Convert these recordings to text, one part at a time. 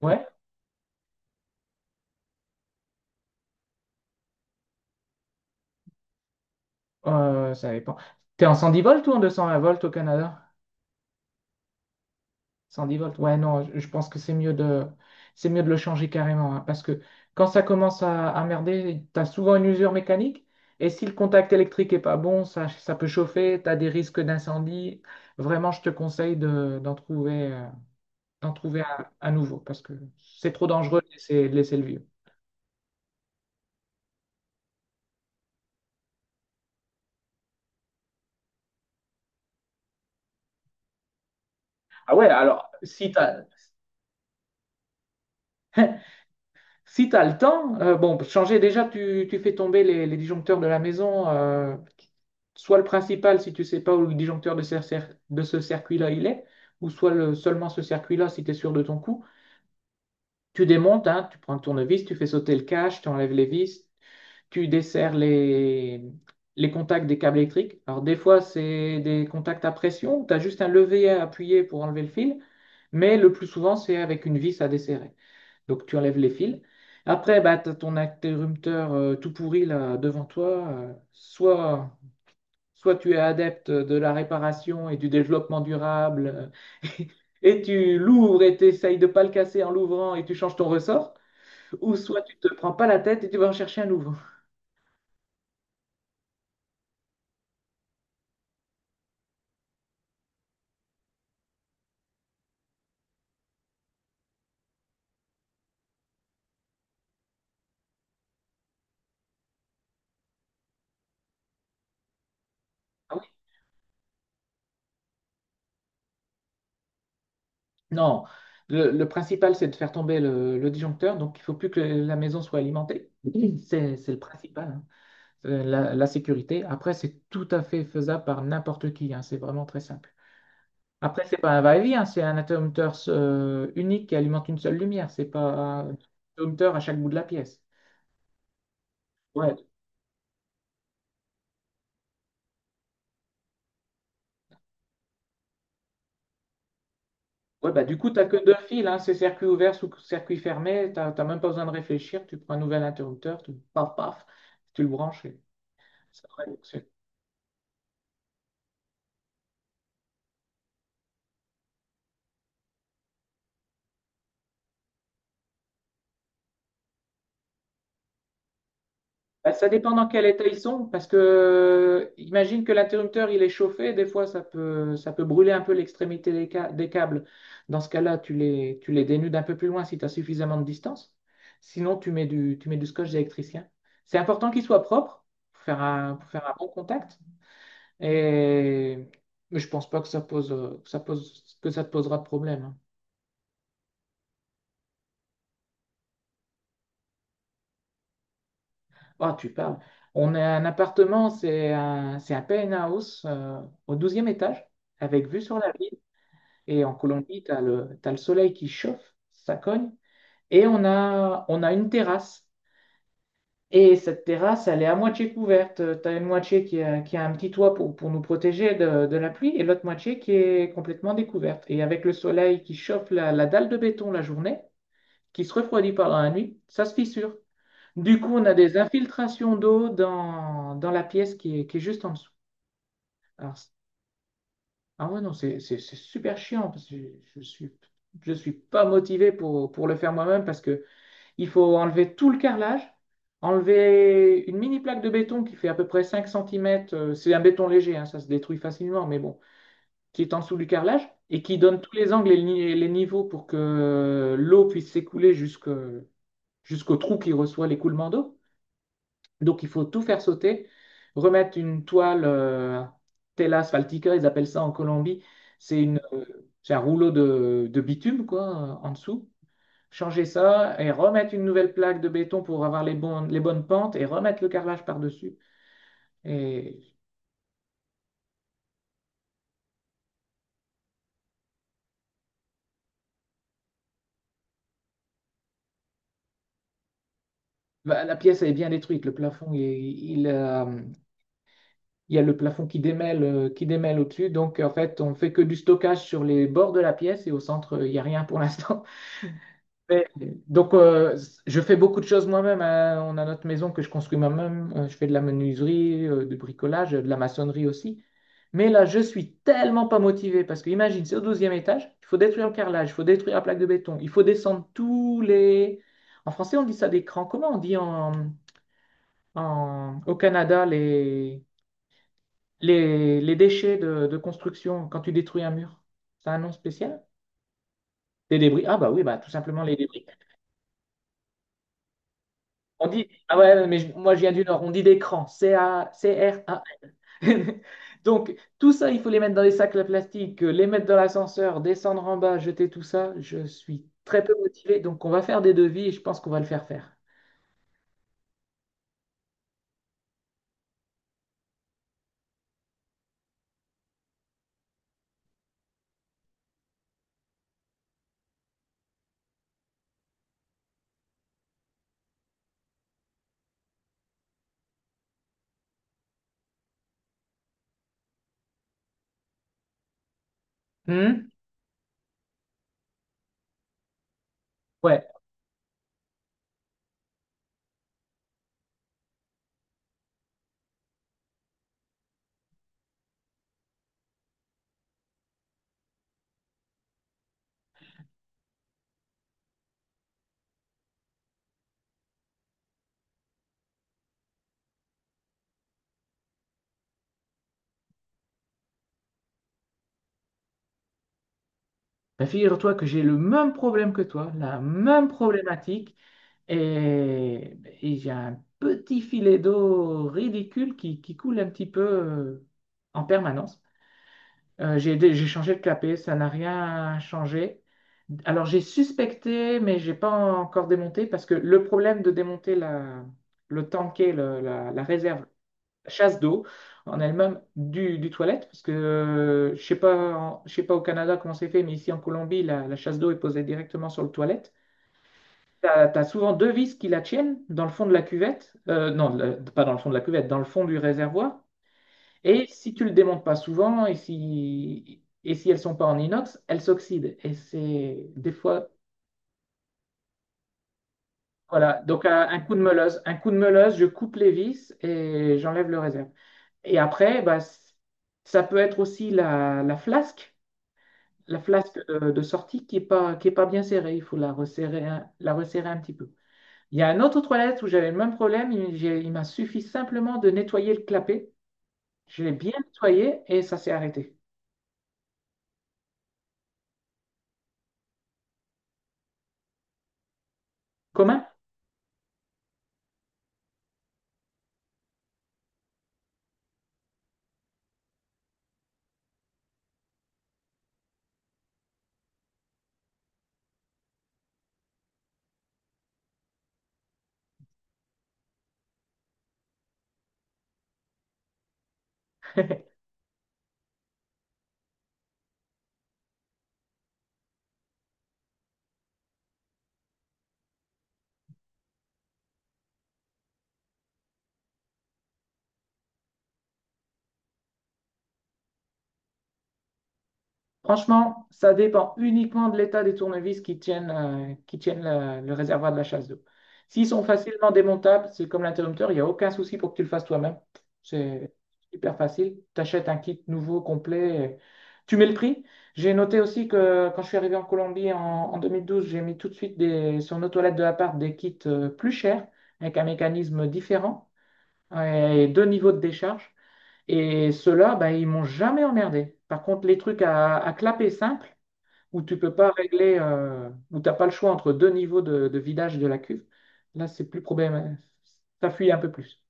Ouais, ça dépend. T'es en 110 volts ou en 220 volts au Canada? 110 volts, ouais, non, je pense que c'est mieux de le changer carrément, hein, parce que quand ça commence à merder, t'as souvent une usure mécanique, et si le contact électrique est pas bon, ça peut chauffer, t'as des risques d'incendie. Vraiment, je te conseille d'en trouver un nouveau, parce que c'est trop dangereux de laisser, le vieux. Ah ouais, alors, si t'as, Si tu as le temps, bon, changer déjà, tu fais tomber les disjoncteurs de la maison, soit le principal si tu sais pas où le disjoncteur de ce circuit-là il est, ou soit seulement ce circuit-là si tu es sûr de ton coup. Tu démontes, hein, tu prends le tournevis, tu fais sauter le cache, tu enlèves les vis, tu desserres les, contacts des câbles électriques. Alors des fois, c'est des contacts à pression, tu as juste un levier à appuyer pour enlever le fil, mais le plus souvent, c'est avec une vis à desserrer. Donc tu enlèves les fils. Après, bah, tu as ton interrupteur tout pourri là devant toi. Soit tu es adepte de la réparation et du développement durable euh, et tu l'ouvres et tu essayes de pas le casser en l'ouvrant et tu changes ton ressort. Ou soit tu te prends pas la tête et tu vas en chercher un nouveau. Ah oui? Non. Le principal, c'est de faire tomber le disjoncteur. Donc il faut plus que la maison soit alimentée. C'est le principal, hein. La sécurité. Après, c'est tout à fait faisable par n'importe qui, hein, c'est vraiment très simple. Après, c'est pas un va-et-vient, hein, c'est un interrupteur unique qui alimente une seule lumière, c'est pas un interrupteur à chaque bout de la pièce. Ouais, ouais bah, du coup, tu n'as que deux fils, hein, c'est circuit ouvert sous circuit fermé, tu n'as même pas besoin de réfléchir, tu prends un nouvel interrupteur, paf, paf, tu le branches et ça va. Bah, ça dépend dans quel état ils sont, parce que imagine que l'interrupteur il est chauffé, des fois ça peut brûler un peu l'extrémité des câbles. Dans ce cas-là, tu les dénudes un peu plus loin si tu as suffisamment de distance. Sinon, tu mets du scotch électricien. C'est important qu'il soit propre pour faire un bon contact. Et mais je pense pas que ça te posera de problème, hein. Oh, tu parles. On a un appartement, c'est un penthouse au douzième étage, avec vue sur la ville. Et en Colombie, t'as le soleil qui chauffe, ça cogne. Et on a une terrasse. Et cette terrasse, elle est à moitié couverte. Tu as une moitié qui a un petit toit pour nous protéger de la pluie et l'autre moitié qui est complètement découverte. Et avec le soleil qui chauffe la dalle de béton la journée, qui se refroidit pendant la nuit, ça se fissure. Du coup, on a des infiltrations d'eau dans la pièce qui est juste en dessous. Alors, ah ouais, non, c'est super chiant parce que je suis, je suis pas motivé pour le faire moi-même parce que il faut enlever tout le carrelage, enlever une mini plaque de béton qui fait à peu près 5 centimètres c'est un béton léger, hein, ça se détruit facilement, mais bon, qui est en dessous du carrelage et qui donne tous les angles et les niveaux pour que l'eau puisse s'écouler jusqu'au trou qui reçoit l'écoulement d'eau. Donc il faut tout faire sauter, remettre une toile, tela asphaltica, ils appellent ça en Colombie, c'est une, euh, c'est un rouleau de bitume quoi, en dessous. Changer ça et remettre une nouvelle plaque de béton pour avoir les bonnes pentes et remettre le carrelage par-dessus. Et bah, la pièce elle est bien détruite, le plafond, il y a le plafond qui démêle au-dessus. Donc en fait, on fait que du stockage sur les bords de la pièce et au centre, il n'y a rien pour l'instant. Mais, donc, je fais beaucoup de choses moi-même, hein. On a notre maison que je construis moi-même. Je fais de la menuiserie, du bricolage, de la maçonnerie aussi. Mais là, je suis tellement pas motivé parce que imagine, c'est au 12e étage, il faut détruire le carrelage, il faut détruire la plaque de béton, il faut descendre tous les... En français, on dit ça des crans. Comment on dit au Canada les, les déchets de construction quand tu détruis un mur? C'est un nom spécial? Des débris. Ah bah oui, bah tout simplement les débris. On dit, ah ouais, non, mais moi je viens du Nord, on dit des crans, C-A, r a Donc, tout ça, il faut les mettre dans des sacs à plastique, les mettre dans l'ascenseur, descendre en bas, jeter tout ça. Je suis très peu motivé, donc on va faire des devis et je pense qu'on va le faire faire. Hmm. Ouais. Bah, figure-toi que j'ai le même problème que toi, la même problématique. Et ben, j'ai un petit filet d'eau ridicule qui coule un petit peu en permanence. J'ai, dé- j'ai changé de clapet, ça n'a rien changé. Alors j'ai suspecté, mais j'ai pas encore démonté parce que le problème de démonter la réserve chasse d'eau en elle-même du toilette, parce que je sais pas au Canada comment c'est fait, mais ici en Colombie, la chasse d'eau est posée directement sur le toilette. T'as, as souvent deux vis qui la tiennent dans le fond de la cuvette, non, pas dans le fond de la cuvette, dans le fond du réservoir. Et si tu le démontes pas souvent et si, elles sont pas en inox, elles s'oxydent. Et c'est des fois, voilà. Donc un coup de meuleuse, je coupe les vis et j'enlève le réserve. Et après, bah, ça peut être aussi la flasque de sortie qui est pas bien serrée. Il faut la resserrer un petit peu. Il y a un autre toilette où j'avais le même problème. Il m'a suffi simplement de nettoyer le clapet. Je l'ai bien nettoyé et ça s'est arrêté. Commun? Franchement, ça dépend uniquement de l'état des tournevis qui tiennent le réservoir de la chasse d'eau. S'ils sont facilement démontables, c'est comme l'interrupteur, il n'y a aucun souci pour que tu le fasses toi-même. C'est hyper facile. Tu achètes un kit nouveau, complet. Tu mets le prix. J'ai noté aussi que quand je suis arrivé en Colombie en 2012, j'ai mis tout de suite sur nos toilettes de l'appart des kits plus chers, avec un mécanisme différent, euh, et deux niveaux de décharge. Et ceux-là, bah, ils m'ont jamais emmerdé. Par contre, les trucs à clapet simple, où tu peux pas régler, où t'as pas le choix entre deux niveaux de vidage de la cuve, là, c'est plus problème. Ça fuit un peu plus.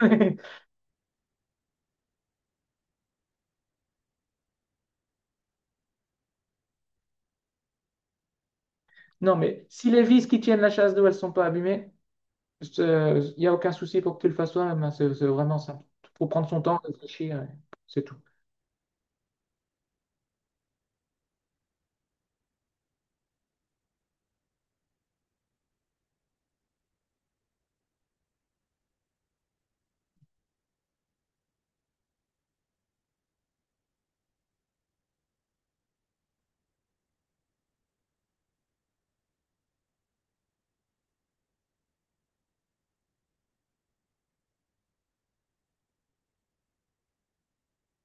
Non, mais si les vis qui tiennent la chasse d'eau, elles sont pas abîmées, il n'y a aucun souci pour que tu le fasses toi-même, hein. C'est vraiment simple. Il faut prendre son temps, réfléchir, et c'est tout.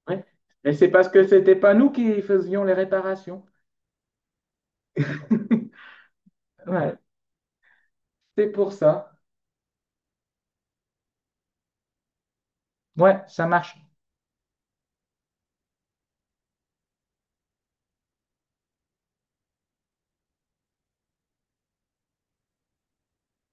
Ouais. Mais c'est parce que c'était pas nous qui faisions les réparations. Ouais, c'est pour ça. Ouais, ça marche.